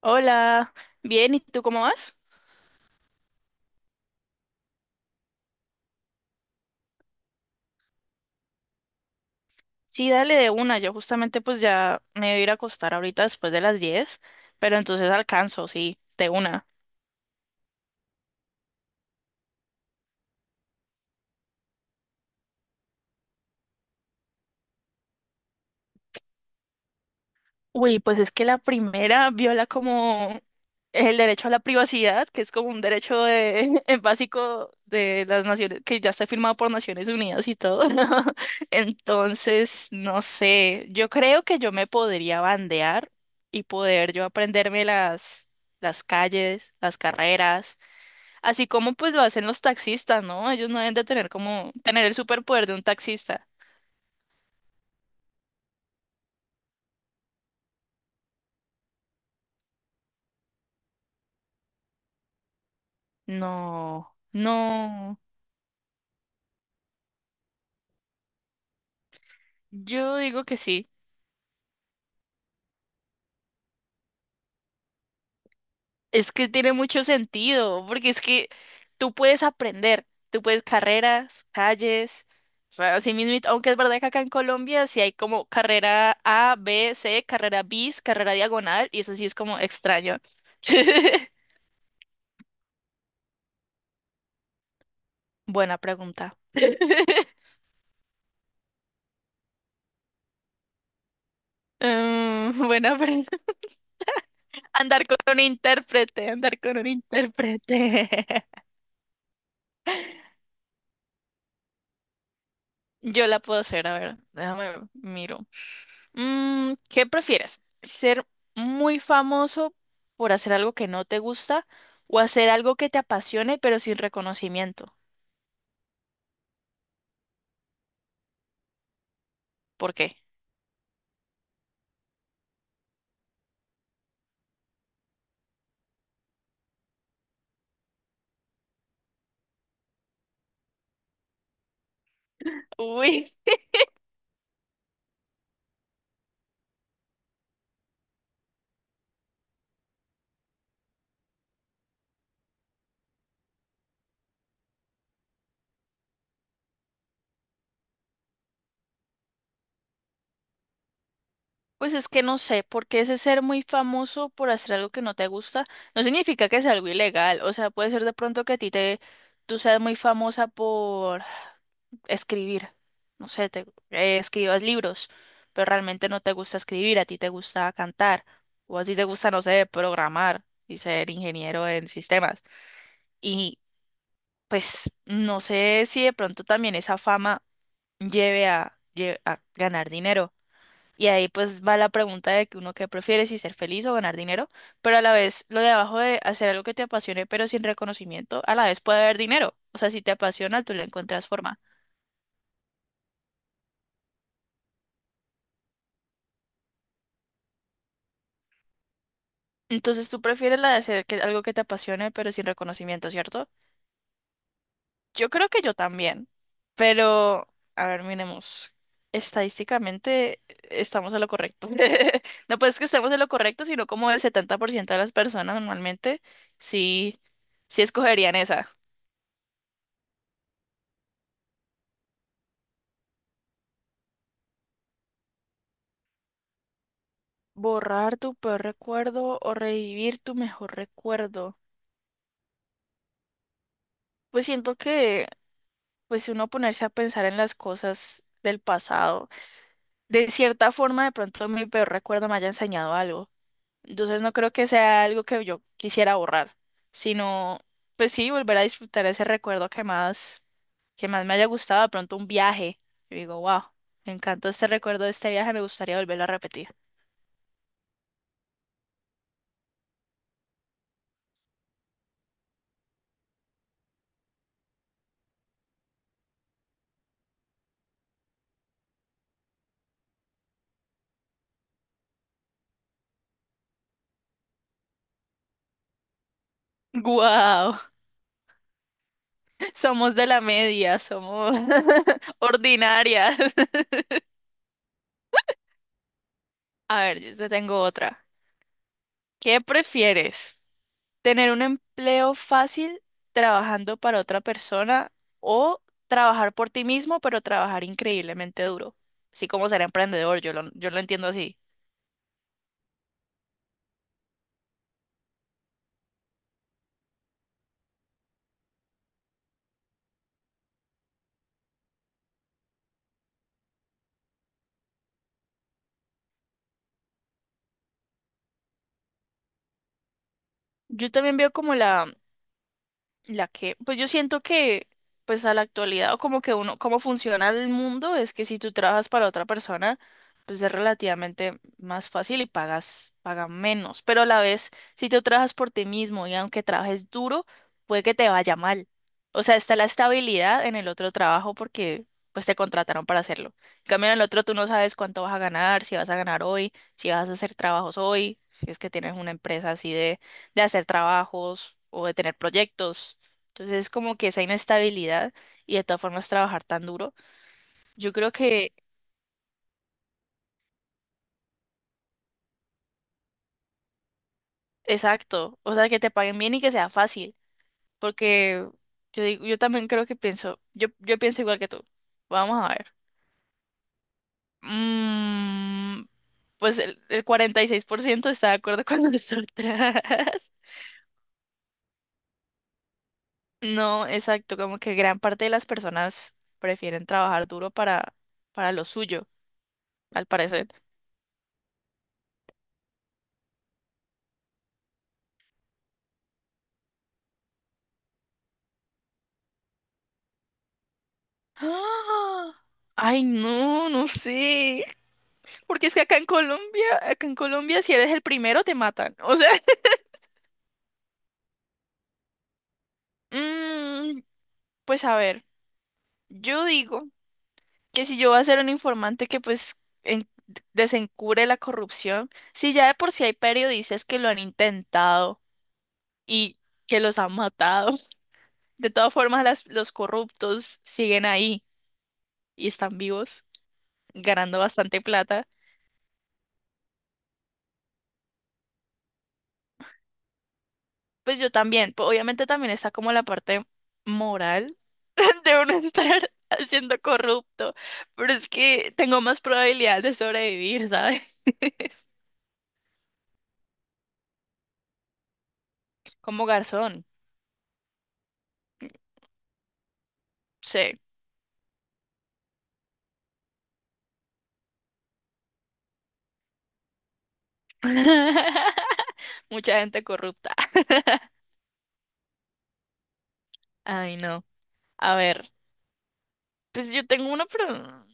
Hola, bien, ¿y tú cómo vas? Sí, dale de una, yo justamente pues ya me voy a ir a acostar ahorita después de las 10, pero entonces alcanzo, sí, de una. Uy, pues es que la primera viola como el derecho a la privacidad, que es como un derecho básico de las naciones, que ya está firmado por Naciones Unidas y todo. Entonces, no sé, yo creo que yo me podría bandear y poder yo aprenderme las calles, las carreras. Así como pues lo hacen los taxistas, ¿no? Ellos no deben de tener como tener el superpoder de un taxista. No, no. Yo digo que sí. Es que tiene mucho sentido, porque es que tú puedes aprender, tú puedes carreras, calles, o sea, así mismo, aunque es verdad que acá en Colombia sí hay como carrera A, B, C, carrera bis, carrera diagonal, y eso sí es como extraño. Buena pregunta. Mm, buena pregunta. Andar con un intérprete, andar con un intérprete. Yo la puedo hacer, a ver, déjame ver, miro. ¿Qué prefieres? ¿Ser muy famoso por hacer algo que no te gusta o hacer algo que te apasione pero sin reconocimiento? ¿Por qué? Uy. Pues es que no sé, porque ese ser muy famoso por hacer algo que no te gusta no significa que sea algo ilegal. O sea, puede ser de pronto que tú seas muy famosa por escribir. No sé, escribas libros, pero realmente no te gusta escribir, a ti te gusta cantar, o a ti te gusta, no sé, programar y ser ingeniero en sistemas. Y pues no sé si de pronto también esa fama lleve a a ganar dinero. Y ahí pues va la pregunta de que uno qué prefiere, si ser feliz o ganar dinero, pero a la vez lo de abajo de hacer algo que te apasione pero sin reconocimiento, a la vez puede haber dinero. O sea, si te apasiona, tú le encuentras forma. Entonces tú prefieres la de hacer que, algo que te apasione pero sin reconocimiento, ¿cierto? Yo creo que yo también, pero a ver, miremos. Estadísticamente estamos en lo correcto. No pues que estemos en lo correcto, sino como el 70% de las personas normalmente sí, sí escogerían esa. Borrar tu peor recuerdo o revivir tu mejor recuerdo. Pues siento que, pues si uno ponerse a pensar en las cosas del pasado, de cierta forma de pronto mi peor recuerdo me haya enseñado algo. Entonces no creo que sea algo que yo quisiera borrar, sino, pues sí, volver a disfrutar ese recuerdo que más, me haya gustado, de pronto un viaje. Yo digo, wow, me encantó este recuerdo de este viaje, me gustaría volverlo a repetir. ¡Guau! Somos de la media, somos ordinarias. A ver, yo te tengo otra. ¿Qué prefieres? ¿Tener un empleo fácil trabajando para otra persona o trabajar por ti mismo, pero trabajar increíblemente duro? Así como ser emprendedor, yo lo entiendo así. Yo también veo como la que, pues yo siento que, pues a la actualidad, o como que uno, cómo funciona el mundo, es que si tú trabajas para otra persona, pues es relativamente más fácil y pagan menos. Pero a la vez, si tú trabajas por ti mismo y aunque trabajes duro, puede que te vaya mal. O sea, está la estabilidad en el otro trabajo porque pues te contrataron para hacerlo. En cambio, en el otro tú no sabes cuánto vas a ganar, si vas a ganar hoy, si vas a hacer trabajos hoy, si es que tienes una empresa así de hacer trabajos o de tener proyectos. Entonces es como que esa inestabilidad y de todas formas trabajar tan duro. Yo creo que, exacto, o sea, que te paguen bien y que sea fácil, porque yo digo, yo también creo que pienso, yo pienso igual que tú. Vamos a ver. Mm, pues el 46% está de acuerdo con nosotras. No, exacto, como que gran parte de las personas prefieren trabajar duro para lo suyo, al parecer. ¡Ah! Ay, no, no sé. Porque es que acá en Colombia, si eres el primero, te matan. O sea, mm, pues a ver, yo digo que si yo voy a ser un informante que pues en- desencubre la corrupción, si ya de por sí hay periodistas que lo han intentado y que los han matado, de todas formas los corruptos siguen ahí y están vivos, ganando bastante plata, pues yo también, pues obviamente también está como la parte moral de uno estar siendo corrupto, pero es que tengo más probabilidad de sobrevivir, ¿sabes? Como garzón, sí. Mucha gente corrupta. Ay, no. A ver, pues yo tengo uno, pero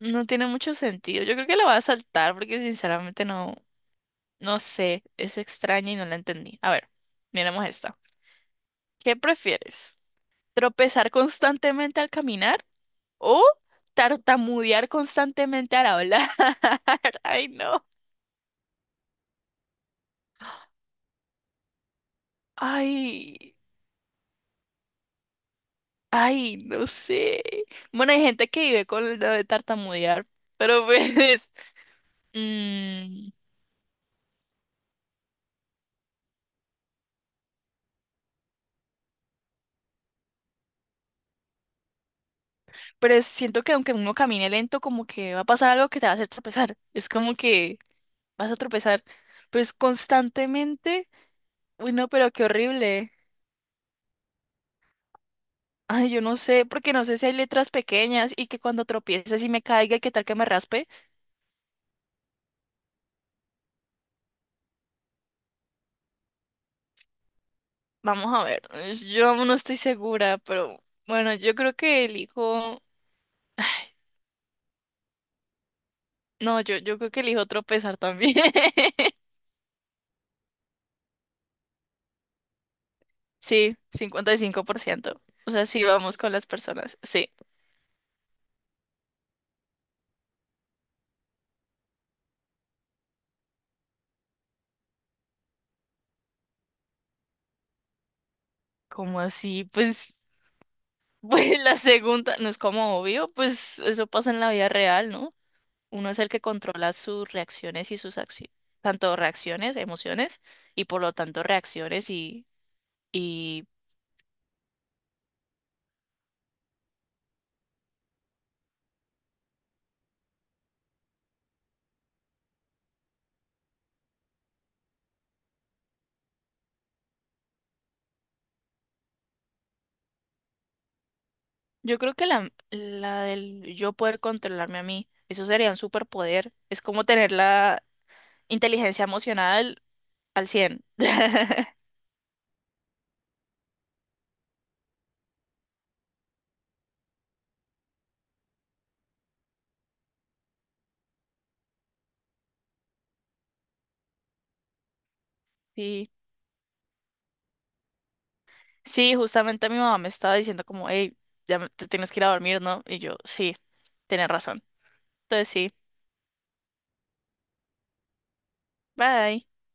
no tiene mucho sentido. Yo creo que la voy a saltar porque sinceramente no, no sé, es extraña y no la entendí. A ver, miremos esta. ¿Qué prefieres? ¿Tropezar constantemente al caminar o tartamudear constantemente al hablar? Ay, no. Ay, ay, no sé. Bueno, hay gente que vive con lo de tartamudear, pero pues... mm, pero siento que aunque uno camine lento, como que va a pasar algo que te va a hacer tropezar. Es como que vas a tropezar, pues constantemente. Uy, no, pero qué horrible. Ay, yo no sé, porque no sé si hay letras pequeñas y que cuando tropieces y me caiga, ¿qué tal que me raspe? Vamos a ver, yo aún no estoy segura, pero bueno, yo creo que elijo, no, yo creo que elijo tropezar también. Sí, 55%. O sea, sí vamos con las personas. Sí. ¿Cómo así? Pues, pues la segunda, no es como obvio, pues eso pasa en la vida real, ¿no? Uno es el que controla sus reacciones y sus acciones, tanto reacciones, emociones, y por lo tanto reacciones y, Yo creo que la del yo poder controlarme a mí, eso sería un superpoder. Es como tener la inteligencia emocional al 100. Sí, sí, justamente mi mamá me estaba diciendo como, hey, te tienes que ir a dormir, ¿no? Y yo, sí, tienes razón. Entonces sí, bye.